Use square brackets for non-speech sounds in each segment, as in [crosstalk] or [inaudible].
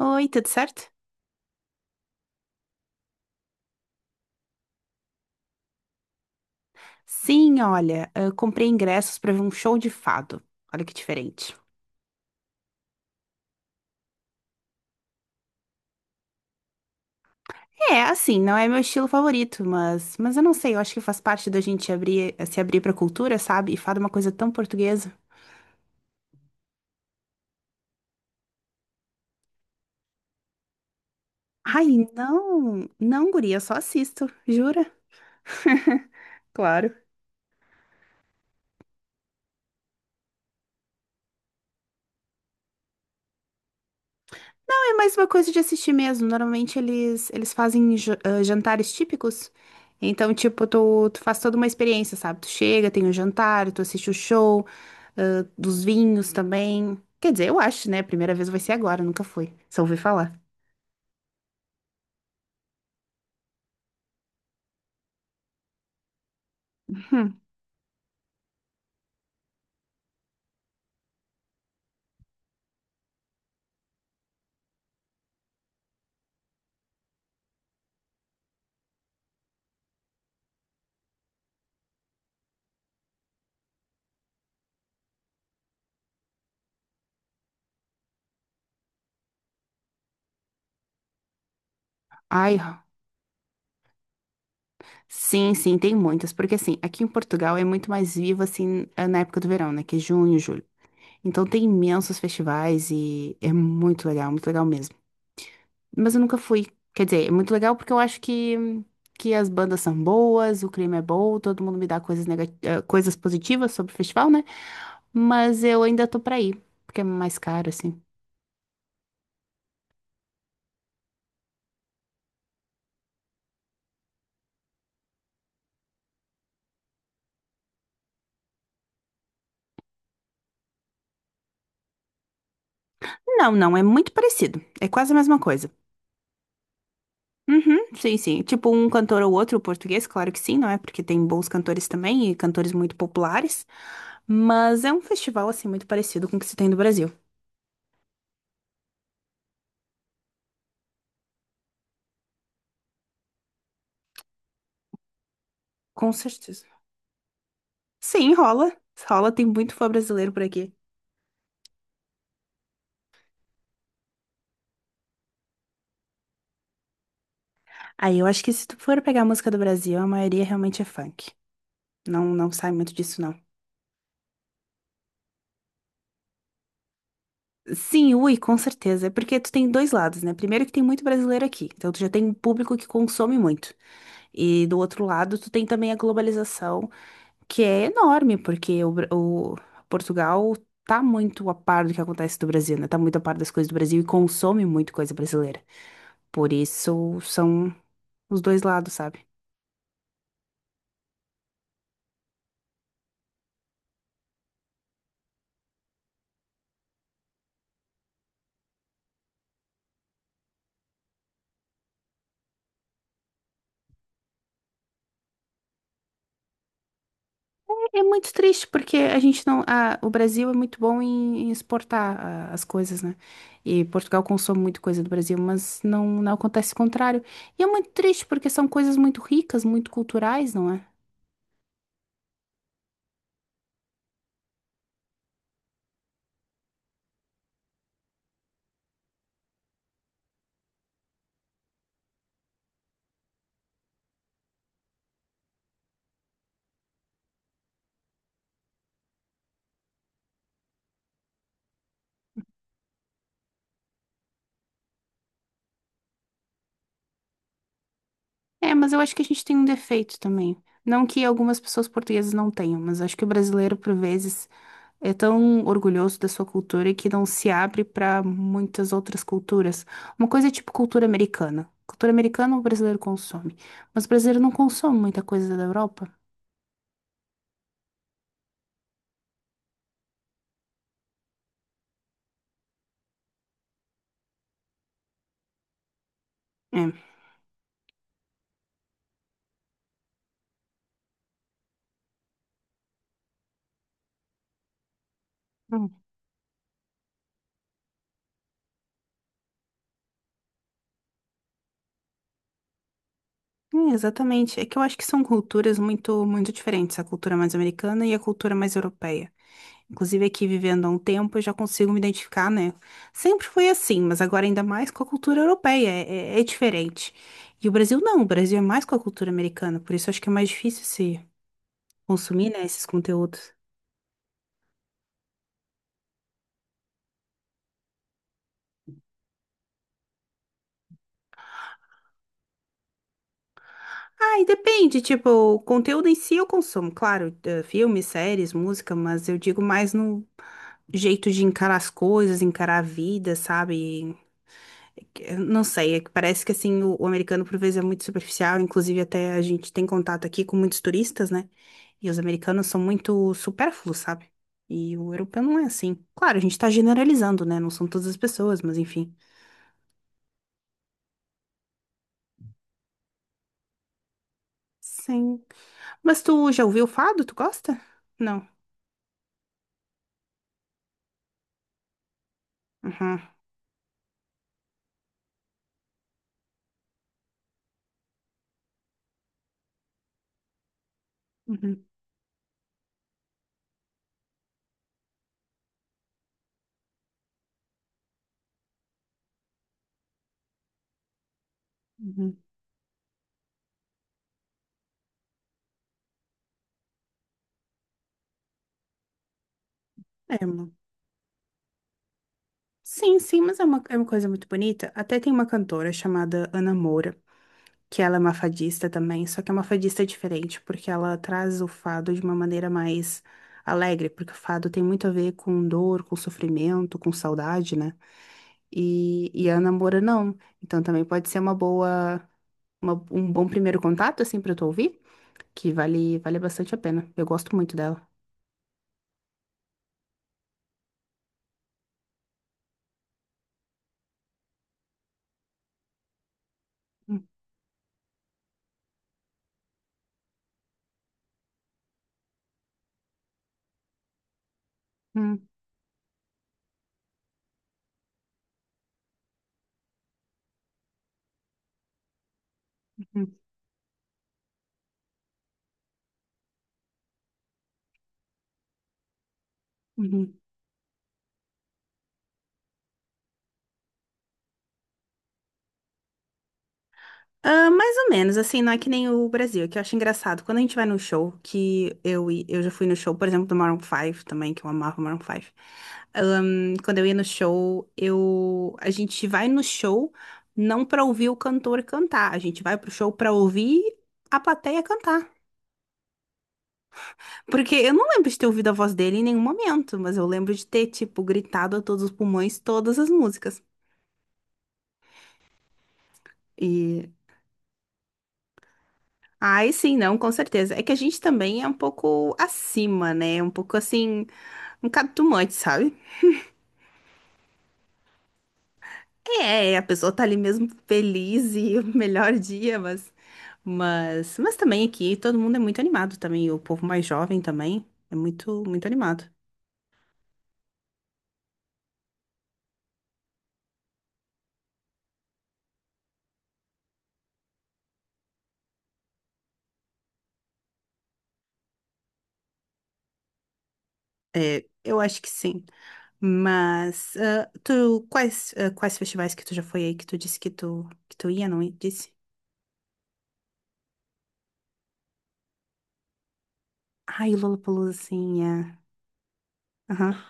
Oi, tudo certo? Sim, olha, eu comprei ingressos pra ver um show de fado. Olha que diferente. É, assim, não é meu estilo favorito, mas eu não sei, eu acho que faz parte da gente abrir, se abrir pra cultura, sabe? E fado é uma coisa tão portuguesa. Ai, não, não, guria, eu só assisto, jura? Claro. É mais uma coisa de assistir mesmo. Normalmente eles fazem jantares típicos. Então, tipo, tu faz toda uma experiência, sabe? Tu chega, tem o jantar, tu assiste o show, dos vinhos também. Quer dizer, eu acho, né? A primeira vez vai ser agora, nunca fui. Só ouvi falar. Hum. Ai, sim, sim, tem muitas. Porque assim, aqui em Portugal é muito mais vivo, assim, na época do verão, né? Que é junho, julho. Então tem imensos festivais e é muito legal mesmo. Mas eu nunca fui. Quer dizer, é muito legal porque que as bandas são boas, o clima é bom, todo mundo me dá coisas, coisas positivas sobre o festival, né? Mas eu ainda tô pra ir, porque é mais caro, assim. Não, não, é muito parecido. É quase a mesma coisa. Uhum, sim, sim. Tipo um cantor ou outro português, claro que sim, não é? Porque tem bons cantores também e cantores muito populares. Mas é um festival, assim, muito parecido com o que se tem no Brasil. Com certeza. Sim, rola. Rola, tem muito fã brasileiro por aqui. Aí eu acho que se tu for pegar a música do Brasil, a maioria realmente é funk. Não, não sai muito disso, não. Sim, ui, com certeza. É porque tu tem dois lados, né? Primeiro que tem muito brasileiro aqui, então tu já tem um público que consome muito. E do outro lado, tu tem também a globalização, que é enorme, porque o Portugal tá muito a par do que acontece do Brasil, né? Tá muito a par das coisas do Brasil e consome muito coisa brasileira. Por isso são os dois lados, sabe? É muito triste porque a gente não, o Brasil é muito bom em exportar as coisas, né? E Portugal consome muito coisa do Brasil, mas não, não acontece o contrário. E é muito triste porque são coisas muito ricas, muito culturais, não é? É, mas eu acho que a gente tem um defeito também. Não que algumas pessoas portuguesas não tenham, mas acho que o brasileiro, por vezes, é tão orgulhoso da sua cultura que não se abre para muitas outras culturas. Uma coisa é tipo cultura americana. Cultura americana o brasileiro consome, mas o brasileiro não consome muita coisa da Europa. É. Hum. É, exatamente. É que eu acho que são culturas muito, muito diferentes, a cultura mais americana e a cultura mais europeia. Inclusive, aqui vivendo há um tempo, eu já consigo me identificar, né? Sempre foi assim, mas agora ainda mais com a cultura europeia. É diferente. E o Brasil não, o Brasil é mais com a cultura americana, por isso eu acho que é mais difícil se consumir, né, esses conteúdos. Ah, e depende, tipo, o conteúdo em si eu consumo, claro, filmes, séries, música, mas eu digo mais no jeito de encarar as coisas, encarar a vida, sabe? Eu não sei, é que parece que assim, o americano por vezes é muito superficial, inclusive até a gente tem contato aqui com muitos turistas, né? E os americanos são muito supérfluos, sabe? E o europeu não é assim. Claro, a gente tá generalizando, né? Não são todas as pessoas, mas enfim. Sim. Mas tu já ouviu o fado? Tu gosta? Não. Uhum. Uhum, uhum. É, sim, sim, mas é uma coisa muito bonita. Até tem uma cantora chamada Ana Moura, que ela é uma fadista também, só que é uma fadista diferente, porque ela traz o fado de uma maneira mais alegre, porque o fado tem muito a ver com dor, com sofrimento, com saudade, né? E a Ana Moura não. Então também pode ser uma boa, um bom primeiro contato, assim, pra tu ouvir, que vale bastante a pena. Eu gosto muito dela. Uhum, uhum, uhum. Ah, mais ou menos, assim, não é que nem o Brasil, que eu acho engraçado. Quando a gente vai num show, que eu já fui no show, por exemplo, do Maroon Five também, que eu amava o Maroon Five. Quando eu ia no show, a gente vai no show não pra ouvir o cantor cantar, a gente vai pro show pra ouvir a plateia cantar. Porque eu não lembro de ter ouvido a voz dele em nenhum momento, mas eu lembro de ter, tipo, gritado a todos os pulmões todas as músicas. E ai, sim, não, com certeza. É que a gente também é um pouco acima, né? Um pouco assim, um catumante, sabe? É, a pessoa tá ali mesmo feliz e [laughs] o melhor dia, mas, mas também aqui todo mundo é muito animado também, o povo mais jovem também é muito, muito animado. É, eu acho que sim. Mas, tu, quais festivais que tu já foi aí que tu disse que que tu ia, não ia? Disse? Ai, Lollapalooza, sim, é. Aham.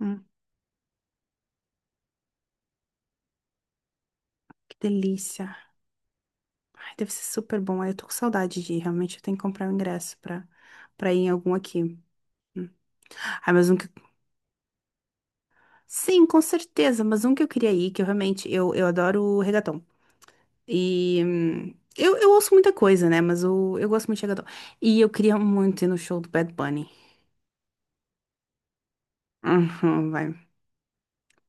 Hum, que delícia. Ai, deve ser super bom. Ai, eu tô com saudade de ir. Realmente eu tenho que comprar o ingresso pra ir em algum aqui. Hum. Ai, mas um que... Sim, com certeza. Mas um que eu queria ir, que eu realmente... Eu adoro reggaeton. E... Eu ouço muita coisa, né? Mas eu gosto muito de reggaeton. E eu queria muito ir no show do Bad Bunny. Uhum, vai,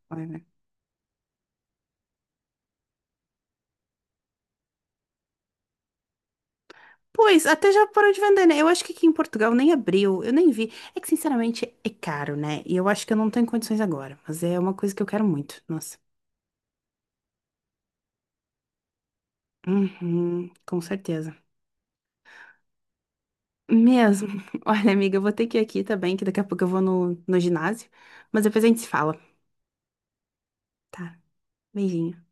vai, vai. Pois, até já parou de vender, né? Eu acho que aqui em Portugal nem abriu, eu nem vi. É que, sinceramente, é caro, né? E eu acho que eu não tenho condições agora, mas é uma coisa que eu quero muito. Nossa. Uhum, com certeza. Mesmo. [laughs] Olha, amiga, eu vou ter que ir aqui também, que daqui a pouco eu vou no ginásio. Mas depois a gente se fala, tá? Beijinho.